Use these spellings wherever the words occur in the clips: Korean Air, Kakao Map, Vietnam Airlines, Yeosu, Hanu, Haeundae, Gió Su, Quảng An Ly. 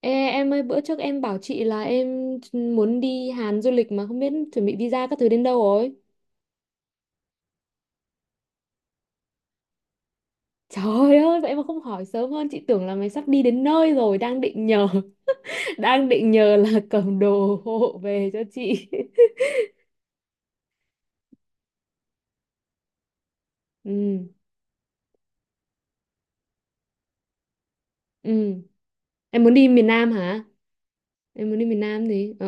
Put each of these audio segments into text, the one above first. Ê, em ơi, bữa trước em bảo chị là em muốn đi Hàn du lịch mà không biết chuẩn bị visa các thứ đến đâu rồi. Trời ơi, vậy mà không hỏi sớm hơn, chị tưởng là mày sắp đi đến nơi rồi, đang định nhờ, đang định nhờ là cầm đồ hộ về cho chị. Ừ, ừ. Em muốn đi miền Nam hả? Em muốn đi miền Nam thì,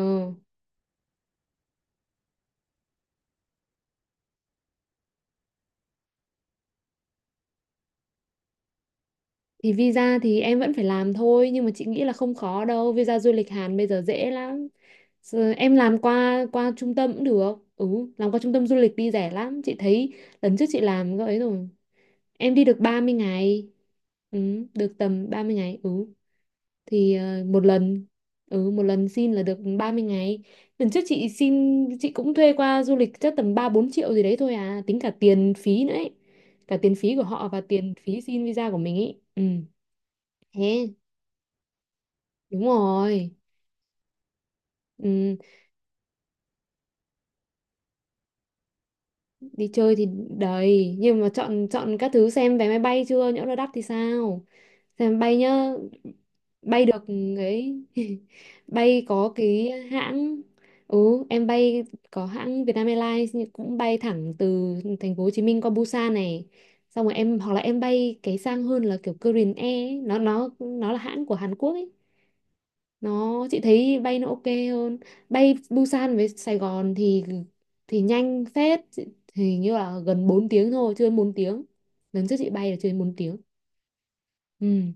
thì visa thì em vẫn phải làm thôi, nhưng mà chị nghĩ là không khó đâu, visa du lịch Hàn bây giờ dễ lắm. Giờ em làm qua qua trung tâm cũng được. Ừ, làm qua trung tâm du lịch đi, rẻ lắm chị thấy. Lần trước chị làm cái ấy rồi, em đi được 30 ngày. Ừ, được tầm 30 ngày. Ừ, thì một lần. Ừ, một lần xin là được 30 ngày. Lần trước chị xin, chị cũng thuê qua du lịch chắc tầm 3 4 triệu gì đấy thôi, à, tính cả tiền phí nữa ấy, cả tiền phí của họ và tiền phí xin visa của mình ấy. Ừ, thế. Đúng rồi. Ừ, đi chơi thì đầy, nhưng mà chọn chọn các thứ, xem vé máy bay chưa, nhỡ nó đắt thì sao. Xem máy bay nhá, bay được ấy. Bay có cái hãng, ừ em bay, có hãng Vietnam Airlines nhưng cũng bay thẳng từ thành phố Hồ Chí Minh qua Busan này, xong rồi em hoặc là em bay cái sang hơn là kiểu Korean Air ấy. Nó là hãng của Hàn Quốc ấy, nó chị thấy bay nó ok hơn. Bay Busan với Sài Gòn thì nhanh phết. Hình như là gần 4 tiếng thôi, chưa đến 4 tiếng. Lần trước chị bay là chưa đến 4 tiếng. Ừ.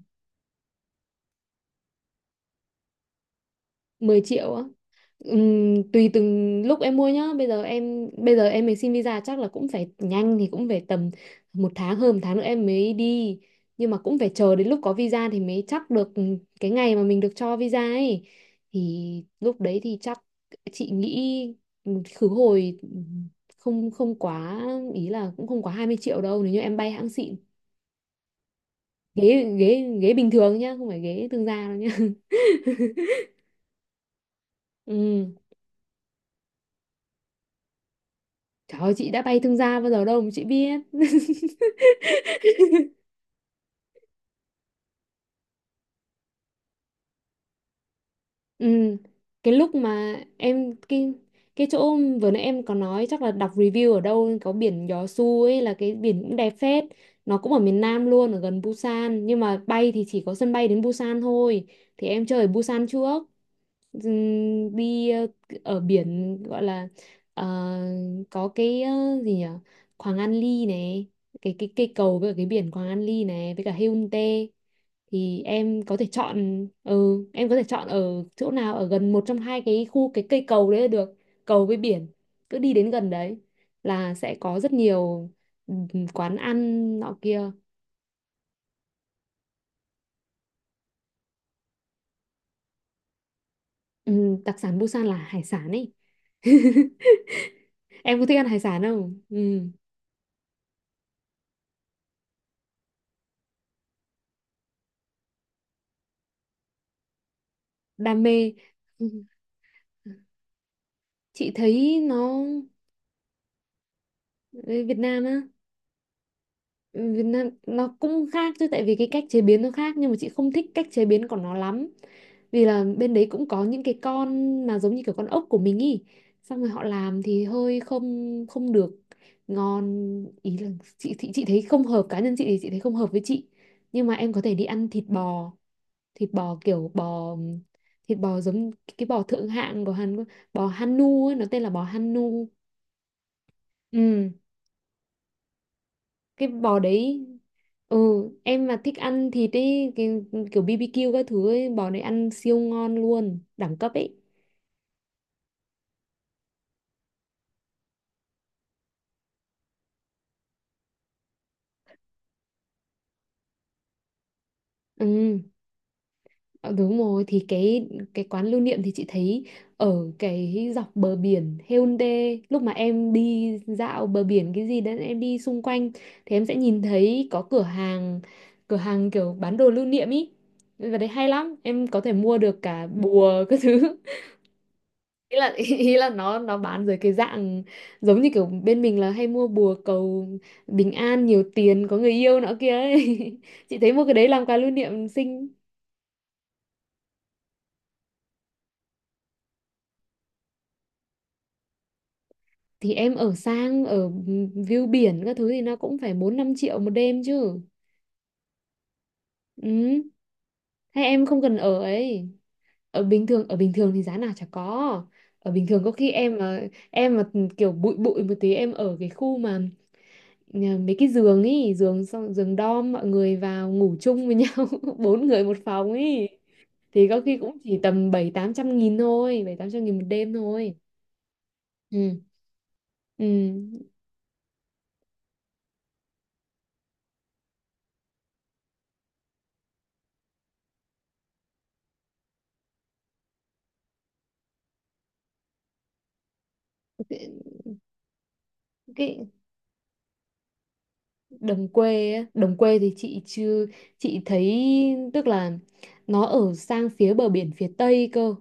10 triệu á? Tùy từng lúc em mua nhá. Bây giờ em mới xin visa, chắc là cũng phải nhanh, thì cũng phải tầm một tháng, hơn một tháng nữa em mới đi. Nhưng mà cũng phải chờ đến lúc có visa thì mới chắc được, cái ngày mà mình được cho visa ấy, thì lúc đấy thì chắc chị nghĩ khứ hồi không không quá, ý là cũng không quá 20 triệu đâu nếu như em bay hãng xịn. Ghế ghế ghế bình thường nhá, không phải ghế thương gia đâu nhá. Ừ. Trời ơi, chị đã bay thương gia bao giờ đâu mà chị biết. Ừ, cái lúc mà em cái chỗ vừa nãy em có nói, chắc là đọc review ở đâu có biển Gió Su ấy, là cái biển cũng đẹp phết. Nó cũng ở miền Nam luôn, ở gần Busan, nhưng mà bay thì chỉ có sân bay đến Busan thôi. Thì em chơi ở Busan trước, đi ở biển gọi là, ờ, có cái, gì nhỉ, Quảng An Ly này. Cái cây cầu với cả cái biển Quảng An Ly này với cả Haeundae, thì em có thể chọn, ừ, em có thể chọn ở chỗ nào ở gần một trong hai cái khu, cái cây cầu đấy là được. Cầu với biển, cứ đi đến gần đấy là sẽ có rất nhiều, ừ, quán ăn nọ kia. Ừ, đặc sản Busan là hải sản ấy. Em có thích ăn hải sản không? Ừ. Đam mê. Chị thấy nó với Việt Nam á, Việt Nam nó cũng khác chứ, tại vì cái cách chế biến nó khác, nhưng mà chị không thích cách chế biến của nó lắm, vì là bên đấy cũng có những cái con mà giống như kiểu con ốc của mình ý, xong rồi họ làm thì hơi không không được ngon. Ý là chị thấy không hợp, cá nhân chị thì chị thấy không hợp với chị. Nhưng mà em có thể đi ăn thịt bò, thịt bò kiểu bò, thịt bò giống cái bò thượng hạng của Hàn Quốc, bò Hanu ấy, nó tên là bò Hanu. Ừ, cái bò đấy. Ừ, em mà thích ăn thịt ấy, cái kiểu BBQ các thứ ấy, bò đấy ăn siêu ngon luôn, đẳng cấp ấy. Ừ. ờ, Đúng rồi, thì cái quán lưu niệm thì chị thấy ở cái dọc bờ biển Haeundae, lúc mà em đi dạo bờ biển cái gì đấy, em đi xung quanh thì em sẽ nhìn thấy có cửa hàng, cửa hàng kiểu bán đồ lưu niệm ý. Và đấy hay lắm, em có thể mua được cả bùa các thứ. Ý là ý là nó bán dưới cái dạng giống như kiểu bên mình là hay mua bùa cầu bình an, nhiều tiền, có người yêu nọ kia ấy. Chị thấy mua cái đấy làm quà lưu niệm xinh. Thì em ở sang, ở view biển các thứ thì nó cũng phải 4 5 triệu một đêm chứ. Ừ, hay em không cần ở ấy. Ở bình thường, ở bình thường thì giá nào chả có. Ở bình thường có khi em mà kiểu bụi bụi một tí, em ở cái khu mà nhờ mấy cái giường ấy, giường, xong giường dorm, mọi người vào ngủ chung với nhau, 4 người một phòng ấy, thì có khi cũng chỉ tầm 700 800 nghìn thôi, 700 800 nghìn một đêm thôi. Ừ. Ừ. cái, Đồng quê á. Đồng quê thì chị chưa, chị thấy, tức là nó ở sang phía bờ biển phía tây cơ,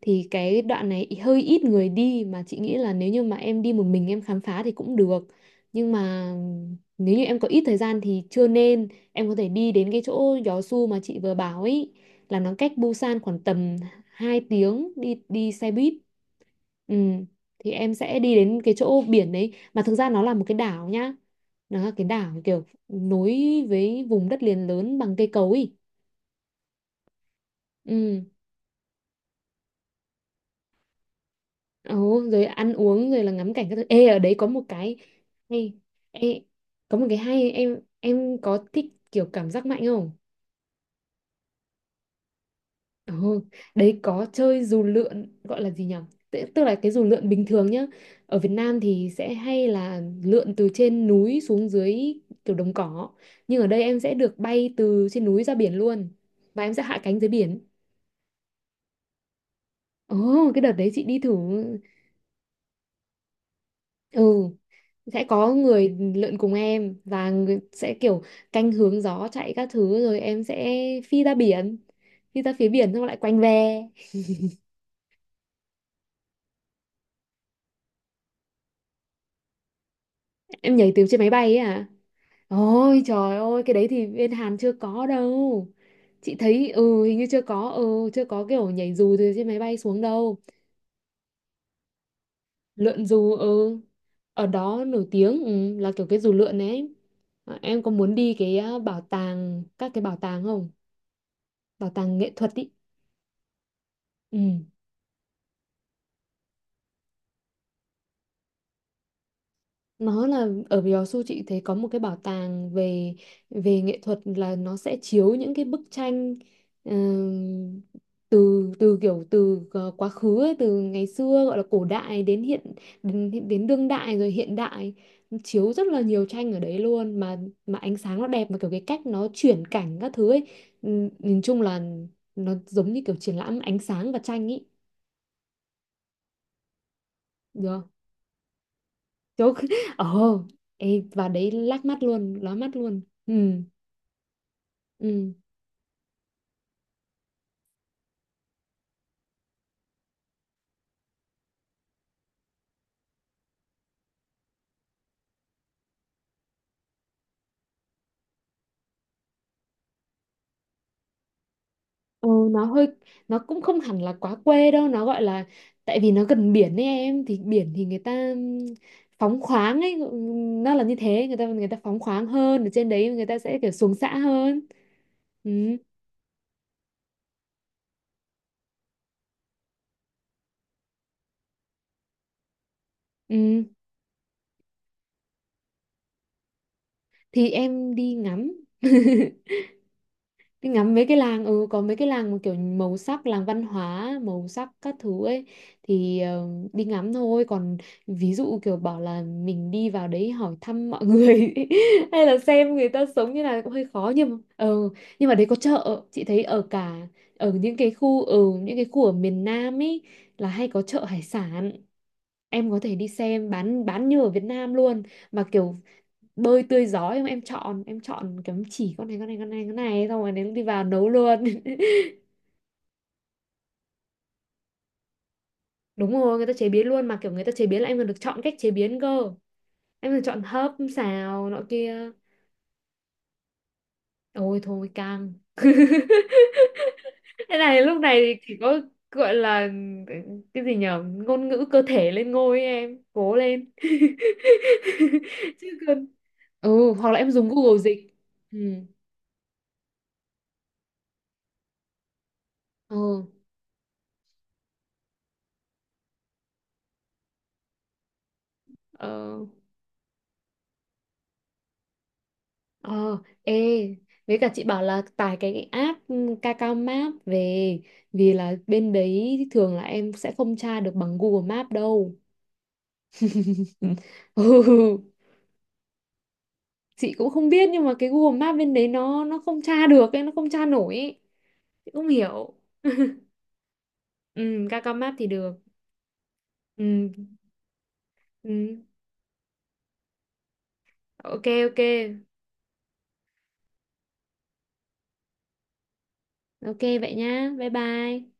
thì cái đoạn này hơi ít người đi. Mà chị nghĩ là nếu như mà em đi một mình em khám phá thì cũng được, nhưng mà nếu như em có ít thời gian thì chưa nên. Em có thể đi đến cái chỗ Gió Su mà chị vừa bảo ấy, là nó cách Busan khoảng tầm 2 tiếng đi đi xe buýt. Ừ, thì em sẽ đi đến cái chỗ biển đấy, mà thực ra nó là một cái đảo nhá. Nó là cái đảo kiểu nối với vùng đất liền lớn bằng cây cối ý. Ừ. Ồ, rồi ăn uống rồi là ngắm cảnh các thứ. Ê, ở đấy có một cái hay. Ê, có một cái hay, em có thích kiểu cảm giác mạnh không? Ừ, đấy có chơi dù lượn, gọi là gì nhỉ? Tức tức là cái dù lượn bình thường nhá. Ở Việt Nam thì sẽ hay là lượn từ trên núi xuống dưới kiểu đồng cỏ. Nhưng ở đây em sẽ được bay từ trên núi ra biển luôn. Và em sẽ hạ cánh dưới biển. Ồ, cái đợt đấy chị đi thử. Ừ, sẽ có người lượn cùng em, và người sẽ kiểu canh hướng gió chạy các thứ, rồi em sẽ phi ra biển. Phi ra phía biển xong lại quanh về. Em nhảy từ trên máy bay ấy à? Ôi trời ơi, cái đấy thì bên Hàn chưa có đâu. Chị thấy, ừ, hình như chưa có, ừ, chưa có kiểu nhảy dù từ trên máy bay xuống đâu. Lượn dù, ừ, ở đó nổi tiếng, ừ, là kiểu cái dù lượn ấy. À, em có muốn đi cái, à, bảo tàng, các cái bảo tàng không? Bảo tàng nghệ thuật ý. Ừ. Nó là ở Yeosu, chị thấy có một cái bảo tàng về, về nghệ thuật, là nó sẽ chiếu những cái bức tranh, ừm, từ từ kiểu từ quá khứ ấy, từ ngày xưa gọi là cổ đại đến hiện, đến, đến đương đại rồi hiện đại. Nó chiếu rất là nhiều tranh ở đấy luôn, mà ánh sáng nó đẹp, mà kiểu cái cách nó chuyển cảnh các thứ ấy, nhìn chung là nó giống như kiểu triển lãm ánh sáng và tranh ý. Được không? Chốt. Ồ, ê, và đấy lác mắt luôn, lóa mắt luôn. Ừ. Ừ. Ừ, nó hơi, nó cũng không hẳn là quá quê đâu, nó gọi là, tại vì nó gần biển ấy, em thì biển thì người ta phóng khoáng ấy. Nó là như thế, người ta phóng khoáng hơn, ở trên đấy người ta sẽ kiểu xuống xã hơn. Ừ, ừ. Thì em đi ngắm, đi ngắm mấy cái làng. Ừ, có mấy cái làng mà kiểu màu sắc, làng văn hóa màu sắc các thứ ấy, thì đi ngắm thôi, còn ví dụ kiểu bảo là mình đi vào đấy hỏi thăm mọi người hay là xem người ta sống như nào cũng hơi khó, nhưng mà ừ, nhưng mà đấy có chợ, chị thấy ở cả, ở những cái khu, ở những cái khu ở miền Nam ấy, là hay có chợ hải sản, em có thể đi xem bán như ở Việt Nam luôn, mà kiểu bơi tươi giói không, em chọn, em chọn cái chỉ con này con này con này con này, xong rồi đến đi vào nấu luôn. Đúng rồi, người ta chế biến luôn, mà kiểu người ta chế biến là em còn được chọn cách chế biến cơ, em được chọn hấp xào nọ kia. Ôi thôi căng. Thế này lúc này thì chỉ có gọi là cái gì nhở, ngôn ngữ cơ thể lên ngôi ấy, em cố lên. Chứ còn ừ, hoặc là em dùng Google dịch. Ừ. Ừ. ờ Ờ, ê, với cả chị bảo là tải cái app, ừ, Kakao Map về, vì là bên đấy thường là em sẽ không tra được bằng Google Map đâu. Ừ, chị cũng không biết, nhưng mà cái Google Map bên đấy nó không tra được ấy, nó không tra nổi ấy. Chị không hiểu. Ừ, Kakao Map thì được. Ừ, ừ. Ok ok. Ok vậy nhá. Bye bye.